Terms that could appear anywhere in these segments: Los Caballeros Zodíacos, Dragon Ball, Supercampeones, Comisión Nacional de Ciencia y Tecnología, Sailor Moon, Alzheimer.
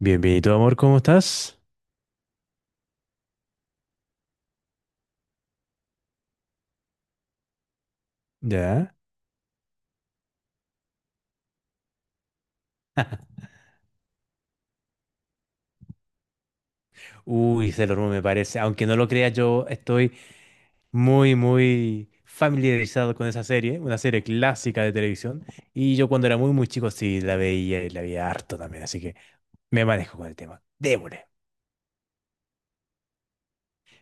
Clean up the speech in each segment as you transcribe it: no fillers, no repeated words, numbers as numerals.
Bienvenido, amor, ¿cómo estás? Ya. Uy, Sailor Moon me parece. Aunque no lo creas, yo estoy muy, muy familiarizado con esa serie, una serie clásica de televisión. Y yo cuando era muy, muy chico sí la veía y la veía harto también, así que me manejo con el tema. Démosle.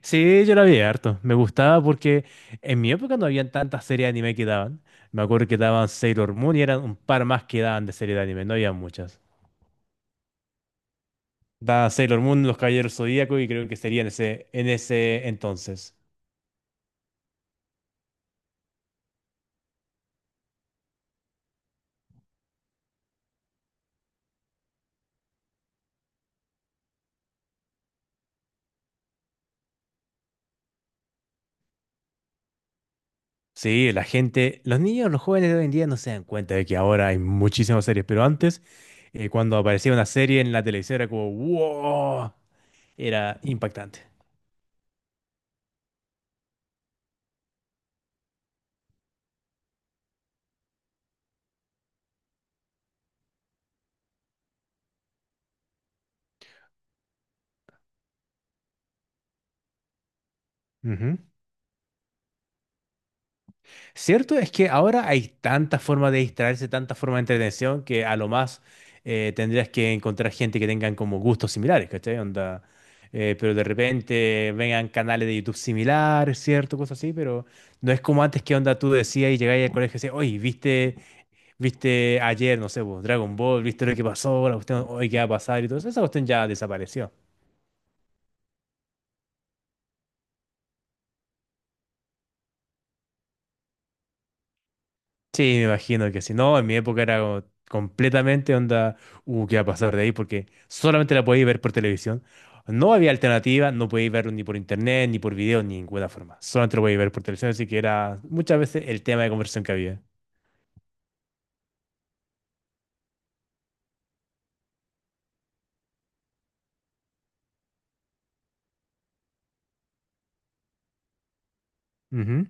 Sí, yo la veía harto. Me gustaba porque en mi época no habían tantas series de anime que daban. Me acuerdo que daban Sailor Moon y eran un par más que daban de serie de anime, no había muchas. Da Sailor Moon, Los Caballeros Zodíacos y creo que sería en ese entonces. Sí, la gente, los niños, los jóvenes de hoy en día no se dan cuenta de que ahora hay muchísimas series, pero antes, cuando aparecía una serie en la televisión era como, wow, era impactante. Ujú. Cierto es que ahora hay tantas formas de distraerse, tantas formas de entretención, que a lo más tendrías que encontrar gente que tengan como gustos similares, ¿cachai? Onda, pero de repente vengan canales de YouTube similares, ¿cierto? Cosas así, pero no es como antes que onda tú decías y llegabas al colegio y decías, oye, ¿viste? Viste ayer, no sé, vos, Dragon Ball, viste lo que pasó, la cuestión, hoy qué va a pasar y todo eso. Esa cuestión ya desapareció. Sí, me imagino que si no, en mi época era como completamente onda, qué va a pasar de ahí, porque solamente la podéis ver por televisión. No había alternativa, no podéis verlo ni por internet, ni por video, ni ninguna forma. Solamente lo podéis ver por televisión, así que era muchas veces el tema de conversión que había. Ujú,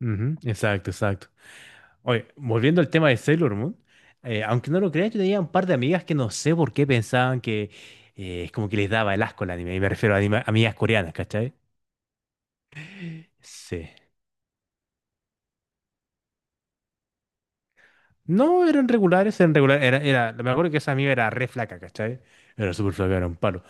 ujú, exacto, exacto. Oye, volviendo al tema de Sailor Moon, aunque no lo creas, yo tenía un par de amigas que no sé por qué pensaban que es como que les daba el asco el anime, y me refiero a amigas coreanas, ¿cachai? Sí. No, eran regulares, me acuerdo que esa amiga era re flaca, ¿cachai? Era súper flaca, era un palo.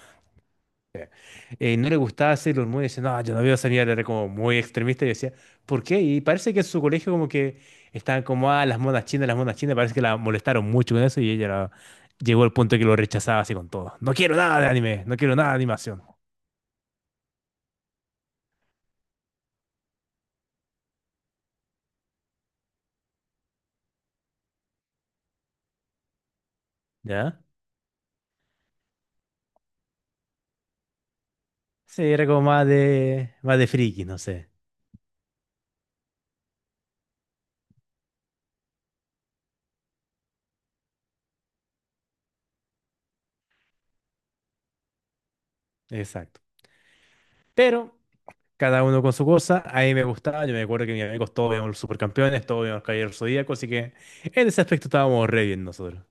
No le gustaba Sailor Moon y decía, no, yo no veo esa mierda, era como muy extremista y decía, ¿por qué? Y parece que en su colegio como que estaban como, ah, las monas chinas, parece que la molestaron mucho con eso y llegó al punto de que lo rechazaba así con todo. No quiero nada de anime, no quiero nada de animación. ¿Ya? Sí, era como más de friki, no sé. Exacto. Pero cada uno con su cosa, a mí me gustaba, yo me acuerdo que mis amigos todos veían los supercampeones, todos veían los caballeros zodíacos, así que en ese aspecto estábamos re bien nosotros.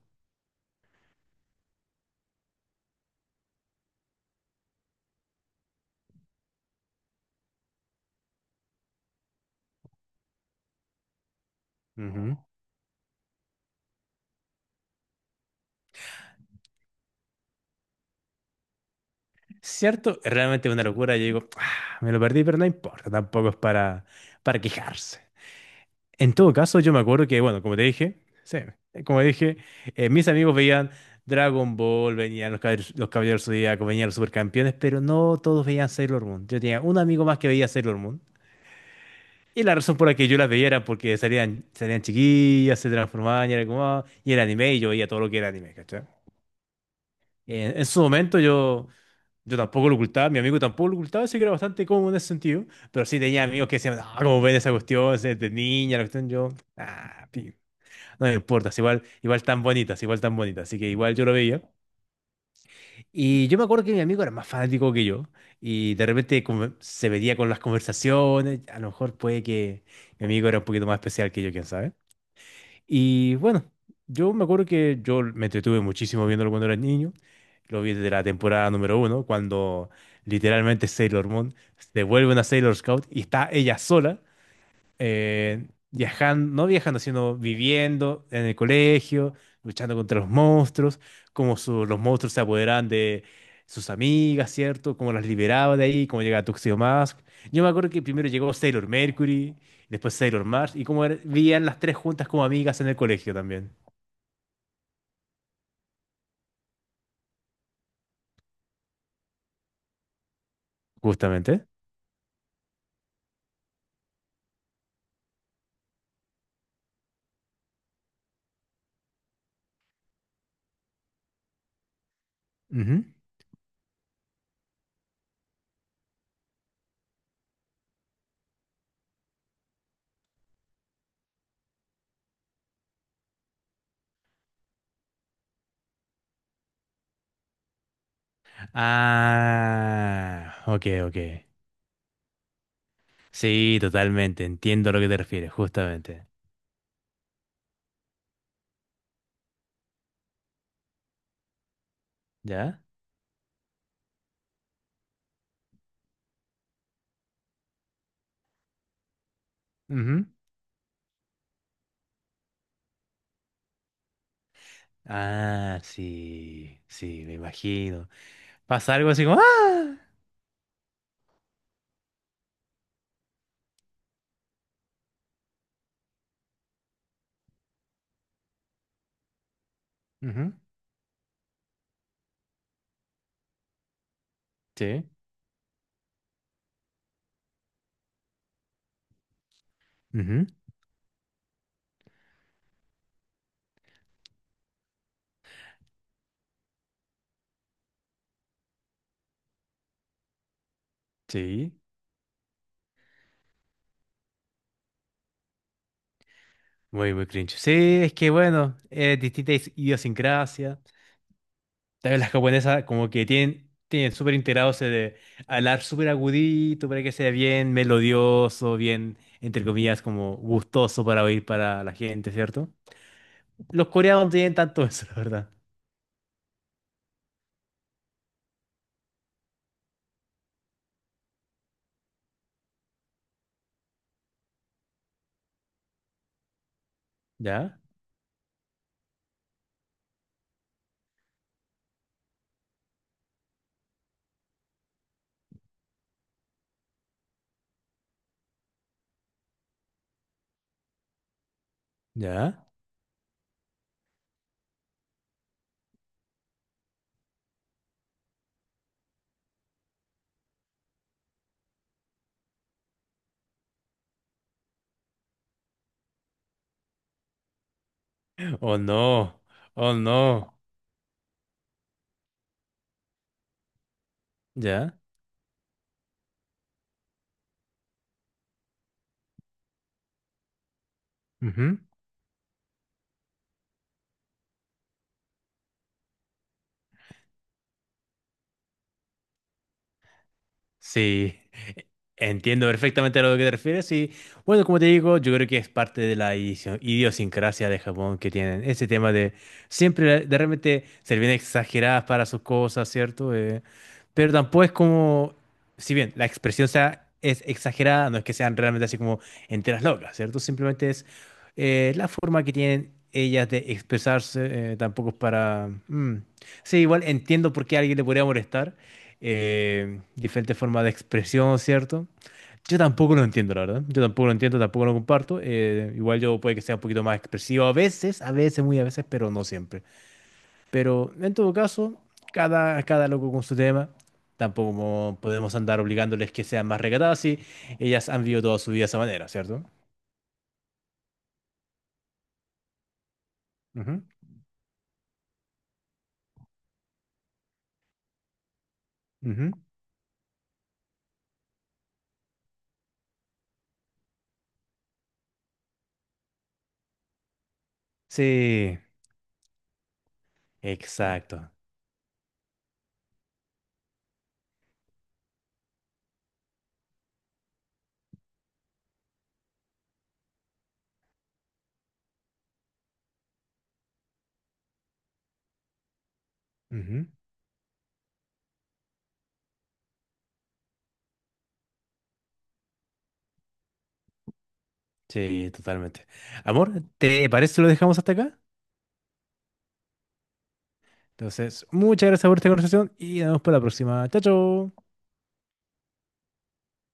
Ujú. ¿Cierto? Es realmente una locura. Yo digo, "Ah, me lo perdí, pero no importa, tampoco es para quejarse. En todo caso, yo me acuerdo que, bueno, como te dije, sí, como dije, mis amigos veían Dragon Ball, venían los Caballeros Zodíacos, venían los Supercampeones, pero no todos veían Sailor Moon. Yo tenía un amigo más que veía Sailor Moon. Y la razón por la que yo las veía era porque salían chiquillas, se transformaban y era como, ah, y era anime y yo veía todo lo que era anime, ¿cachai? En su momento yo tampoco lo ocultaba, mi amigo tampoco lo ocultaba, así que era bastante cómodo en ese sentido. Pero sí tenía amigos que decían, ah, ¿cómo ven esa cuestión? Si es de niña, la cuestión. Yo, ah, pi, no me importa, es igual, igual tan bonitas, igual tan bonitas. Así que igual yo lo veía. Y yo me acuerdo que mi amigo era más fanático que yo. Y de repente como se veía con las conversaciones. A lo mejor puede que mi amigo era un poquito más especial que yo, quién sabe. Y bueno, yo me acuerdo que yo me entretuve muchísimo viéndolo cuando era niño. Lo vi desde la temporada número uno, cuando literalmente Sailor Moon se vuelve una Sailor Scout y está ella sola viajando, no viajando, sino viviendo en el colegio, luchando contra los monstruos, cómo los monstruos se apoderaban de sus amigas, ¿cierto? Cómo las liberaba de ahí, cómo llegaba Tuxedo Mask. Yo me acuerdo que primero llegó Sailor Mercury, después Sailor Mars, y cómo vivían las tres juntas como amigas en el colegio también, justamente. Ujú. Ah, ok, ok. Sí, totalmente, entiendo a lo que te refieres, justamente. ¿Ya? Ah, sí, sí, me imagino. Pasa algo así como, ¡ah! Ujú, sí, ujú, sí. Muy, muy cringe. Sí, es que bueno, distintas idiosincrasias. También las japonesas como que tienen súper integrado ese de hablar súper agudito para que sea bien melodioso, bien, entre comillas, como gustoso para oír para la gente, ¿cierto? Los coreanos no tienen tanto eso, la verdad. ¿Ya? ¿Ya? Oh no, oh no. ¿Ya? Sí, entiendo perfectamente a lo que te refieres y bueno, como te digo, yo creo que es parte de la idiosincrasia de Japón que tienen ese tema de siempre de repente ser bien exageradas para sus cosas, ¿cierto? Pero tampoco es como, si bien la expresión sea, es exagerada, no es que sean realmente así como enteras locas, ¿cierto? Simplemente es la forma que tienen ellas de expresarse, tampoco es para. Mm. Sí, igual entiendo por qué a alguien le podría molestar diferentes formas de expresión, ¿cierto? Yo tampoco lo entiendo, la verdad. Yo tampoco lo entiendo, tampoco lo comparto. Igual yo puede que sea un poquito más expresivo a veces, muy a veces, pero no siempre. Pero en todo caso, cada loco con su tema. Tampoco podemos andar obligándoles que sean más recatadas si ellas han vivido toda su vida de esa manera, ¿cierto? Ujú, ujú. Sí, exacto. Ujú. Sí, totalmente. Amor, ¿te parece si lo dejamos hasta acá? Entonces, muchas gracias por esta conversación y nos vemos para la próxima. Chao, chao.